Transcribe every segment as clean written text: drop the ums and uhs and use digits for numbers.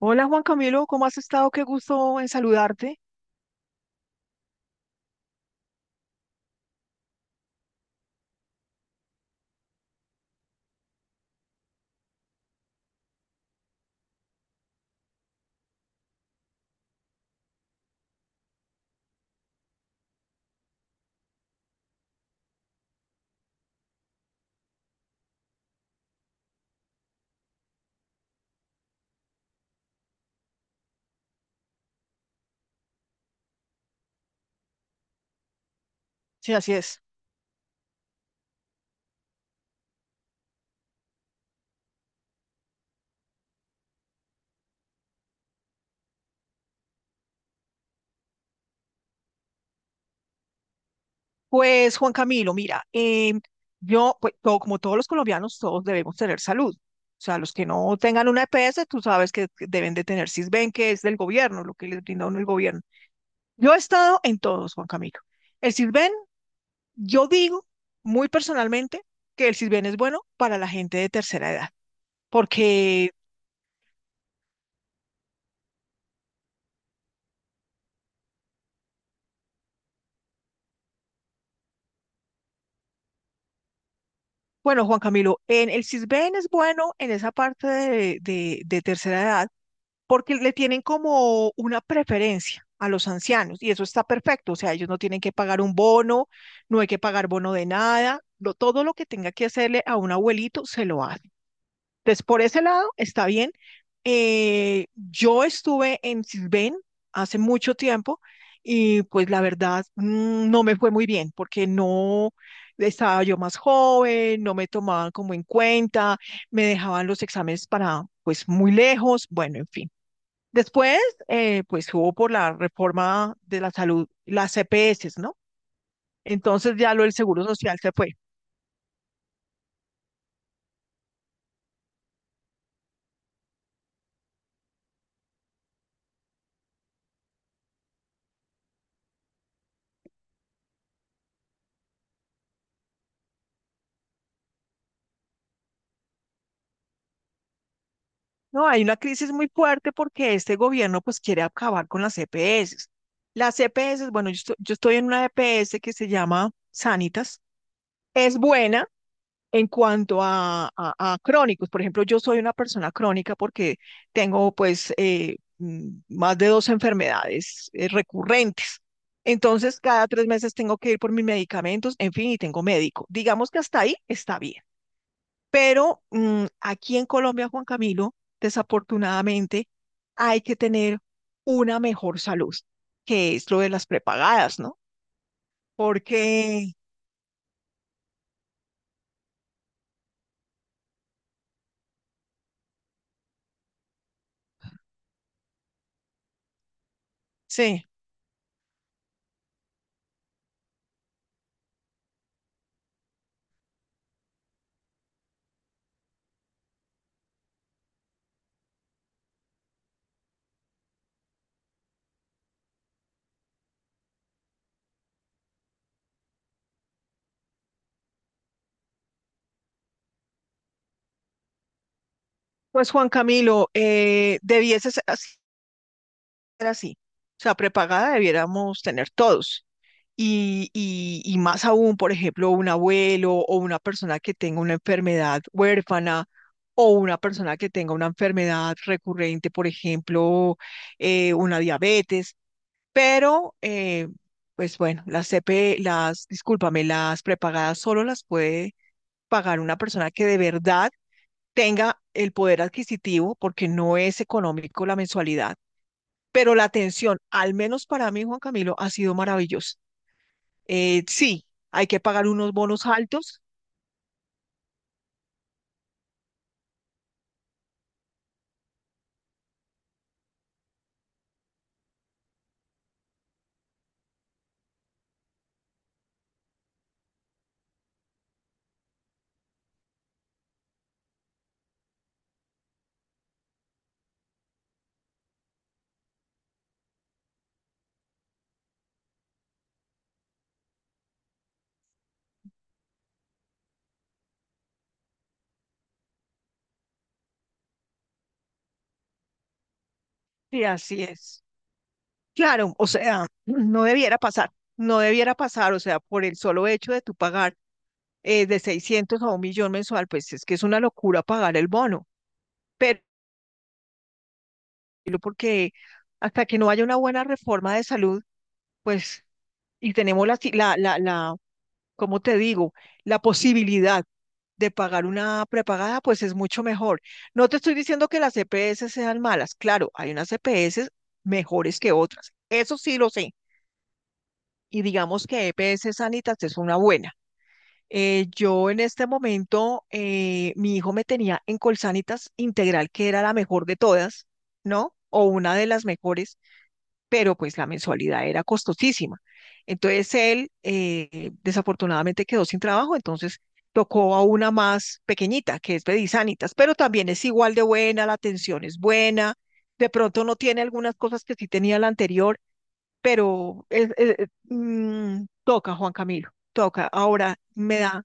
Hola Juan Camilo, ¿cómo has estado? Qué gusto en saludarte. Sí, así es. Pues Juan Camilo, mira, yo, pues, como todos los colombianos, todos debemos tener salud. O sea, los que no tengan una EPS, tú sabes que deben de tener Sisbén, que es del gobierno, lo que les brinda a uno el gobierno. Yo he estado en todos, Juan Camilo. El Sisbén, yo digo muy personalmente que el Sisbén es bueno para la gente de tercera edad, porque bueno, Juan Camilo, en el Sisbén es bueno en esa parte de tercera edad, porque le tienen como una preferencia a los ancianos y eso está perfecto. O sea, ellos no tienen que pagar un bono, no hay que pagar bono de nada, todo lo que tenga que hacerle a un abuelito se lo hace. Entonces, por ese lado está bien. Yo estuve en Sisbén hace mucho tiempo y pues la verdad no me fue muy bien porque no, estaba yo más joven, no me tomaban como en cuenta, me dejaban los exámenes para pues muy lejos, bueno, en fin. Después, pues hubo por la reforma de la salud, las CPS, ¿no? Entonces ya lo del Seguro Social se fue. No, hay una crisis muy fuerte porque este gobierno pues quiere acabar con las CPS. Las CPS, bueno, yo estoy en una EPS que se llama Sanitas. Es buena. En cuanto a, a crónicos, por ejemplo, yo soy una persona crónica porque tengo pues más de 2 enfermedades recurrentes. Entonces, cada 3 meses tengo que ir por mis medicamentos, en fin, y tengo médico. Digamos que hasta ahí está bien. Pero aquí en Colombia, Juan Camilo, desafortunadamente, hay que tener una mejor salud, que es lo de las prepagadas, ¿no? Porque, sí. Pues Juan Camilo, debieses ser así. O sea, prepagada debiéramos tener todos. Y más aún, por ejemplo, un abuelo o una persona que tenga una enfermedad huérfana o una persona que tenga una enfermedad recurrente, por ejemplo, una diabetes. Pero, pues bueno, las CP, las, discúlpame, las prepagadas solo las puede pagar una persona que de verdad tenga el poder adquisitivo, porque no es económico la mensualidad, pero la atención, al menos para mí, Juan Camilo, ha sido maravillosa. Sí, hay que pagar unos bonos altos. Sí, así es. Claro, o sea, no debiera pasar, no debiera pasar. O sea, por el solo hecho de tu pagar de 600.000 a 1.000.000 mensual, pues es que es una locura pagar el bono. Pero porque hasta que no haya una buena reforma de salud, pues, y tenemos la, si- la, la, la, como te digo, la posibilidad de pagar una prepagada, pues es mucho mejor. No te estoy diciendo que las EPS sean malas. Claro, hay unas EPS mejores que otras. Eso sí lo sé. Y digamos que EPS Sanitas es una buena. Yo en este momento, mi hijo me tenía en Colsanitas Integral, que era la mejor de todas, ¿no? O una de las mejores, pero pues la mensualidad era costosísima. Entonces él desafortunadamente quedó sin trabajo, entonces tocó a una más pequeñita, que es Bedisanitas, pero también es igual de buena, la atención es buena, de pronto no tiene algunas cosas que sí tenía la anterior, pero toca, Juan Camilo, toca. Ahora me da,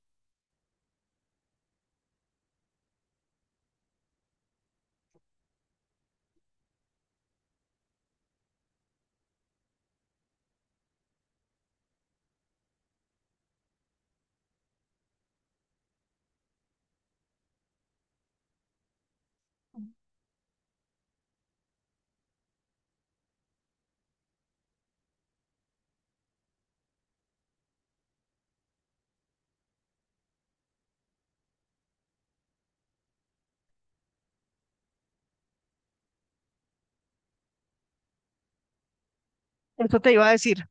eso te iba a decir,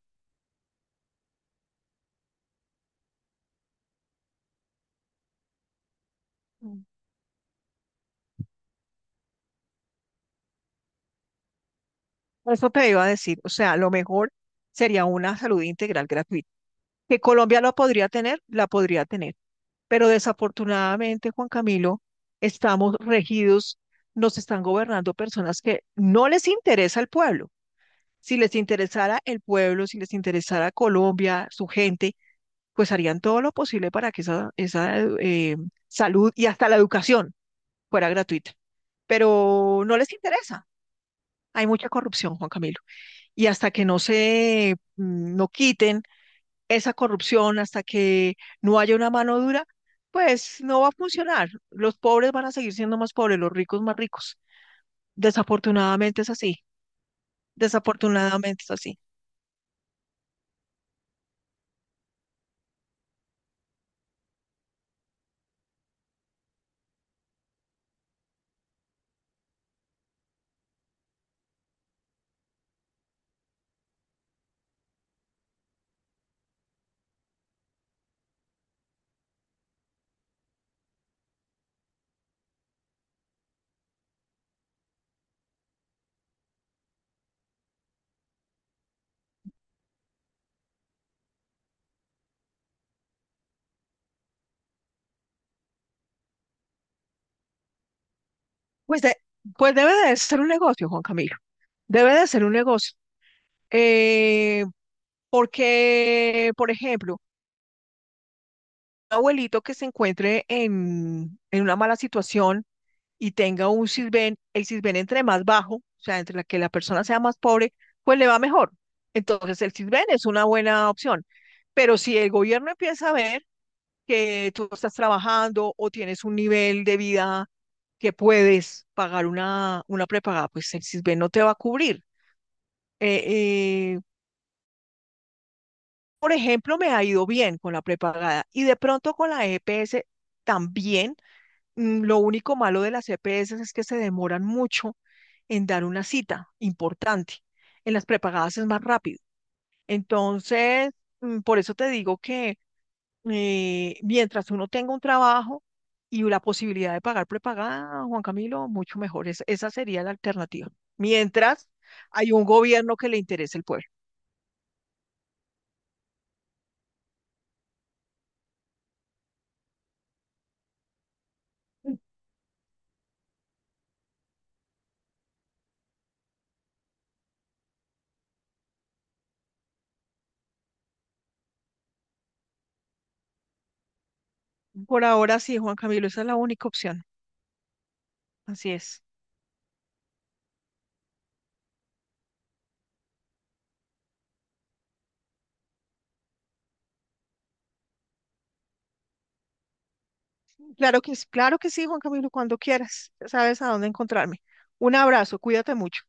mm, eso te iba a decir. O sea, lo mejor sería una salud integral gratuita. Que Colombia la podría tener, la podría tener. Pero desafortunadamente, Juan Camilo, estamos regidos, nos están gobernando personas que no les interesa el pueblo. Si les interesara el pueblo, si les interesara Colombia, su gente, pues harían todo lo posible para que esa salud y hasta la educación fuera gratuita. Pero no les interesa. Hay mucha corrupción, Juan Camilo. Y hasta que no se, no quiten esa corrupción, hasta que no haya una mano dura, pues no va a funcionar. Los pobres van a seguir siendo más pobres, los ricos más ricos. Desafortunadamente es así, desafortunadamente es así. Pues, de- pues debe de ser un negocio, Juan Camilo, debe de ser un negocio. Eh, porque, por ejemplo, abuelito que se encuentre en una mala situación y tenga un Sisbén, el Sisbén entre más bajo, o sea, entre la que la persona sea más pobre, pues le va mejor. Entonces el Sisbén es una buena opción. Pero si el gobierno empieza a ver que tú estás trabajando o tienes un nivel de vida que puedes pagar una prepagada, pues el Sisbén no te va a cubrir. Eh, eh, por ejemplo, me ha ido bien con la prepagada y de pronto con la EPS también. Lo único malo de las EPS es que se demoran mucho en dar una cita importante. En las prepagadas es más rápido. Entonces, por eso te digo que mientras uno tenga un trabajo y la posibilidad de pagar prepagada, Juan Camilo, mucho mejor. Esa sería la alternativa. Mientras hay un gobierno que le interese el pueblo. Por ahora sí, Juan Camilo, esa es la única opción. Así es. Claro que sí, Juan Camilo, cuando quieras. Ya sabes a dónde encontrarme. Un abrazo, cuídate mucho.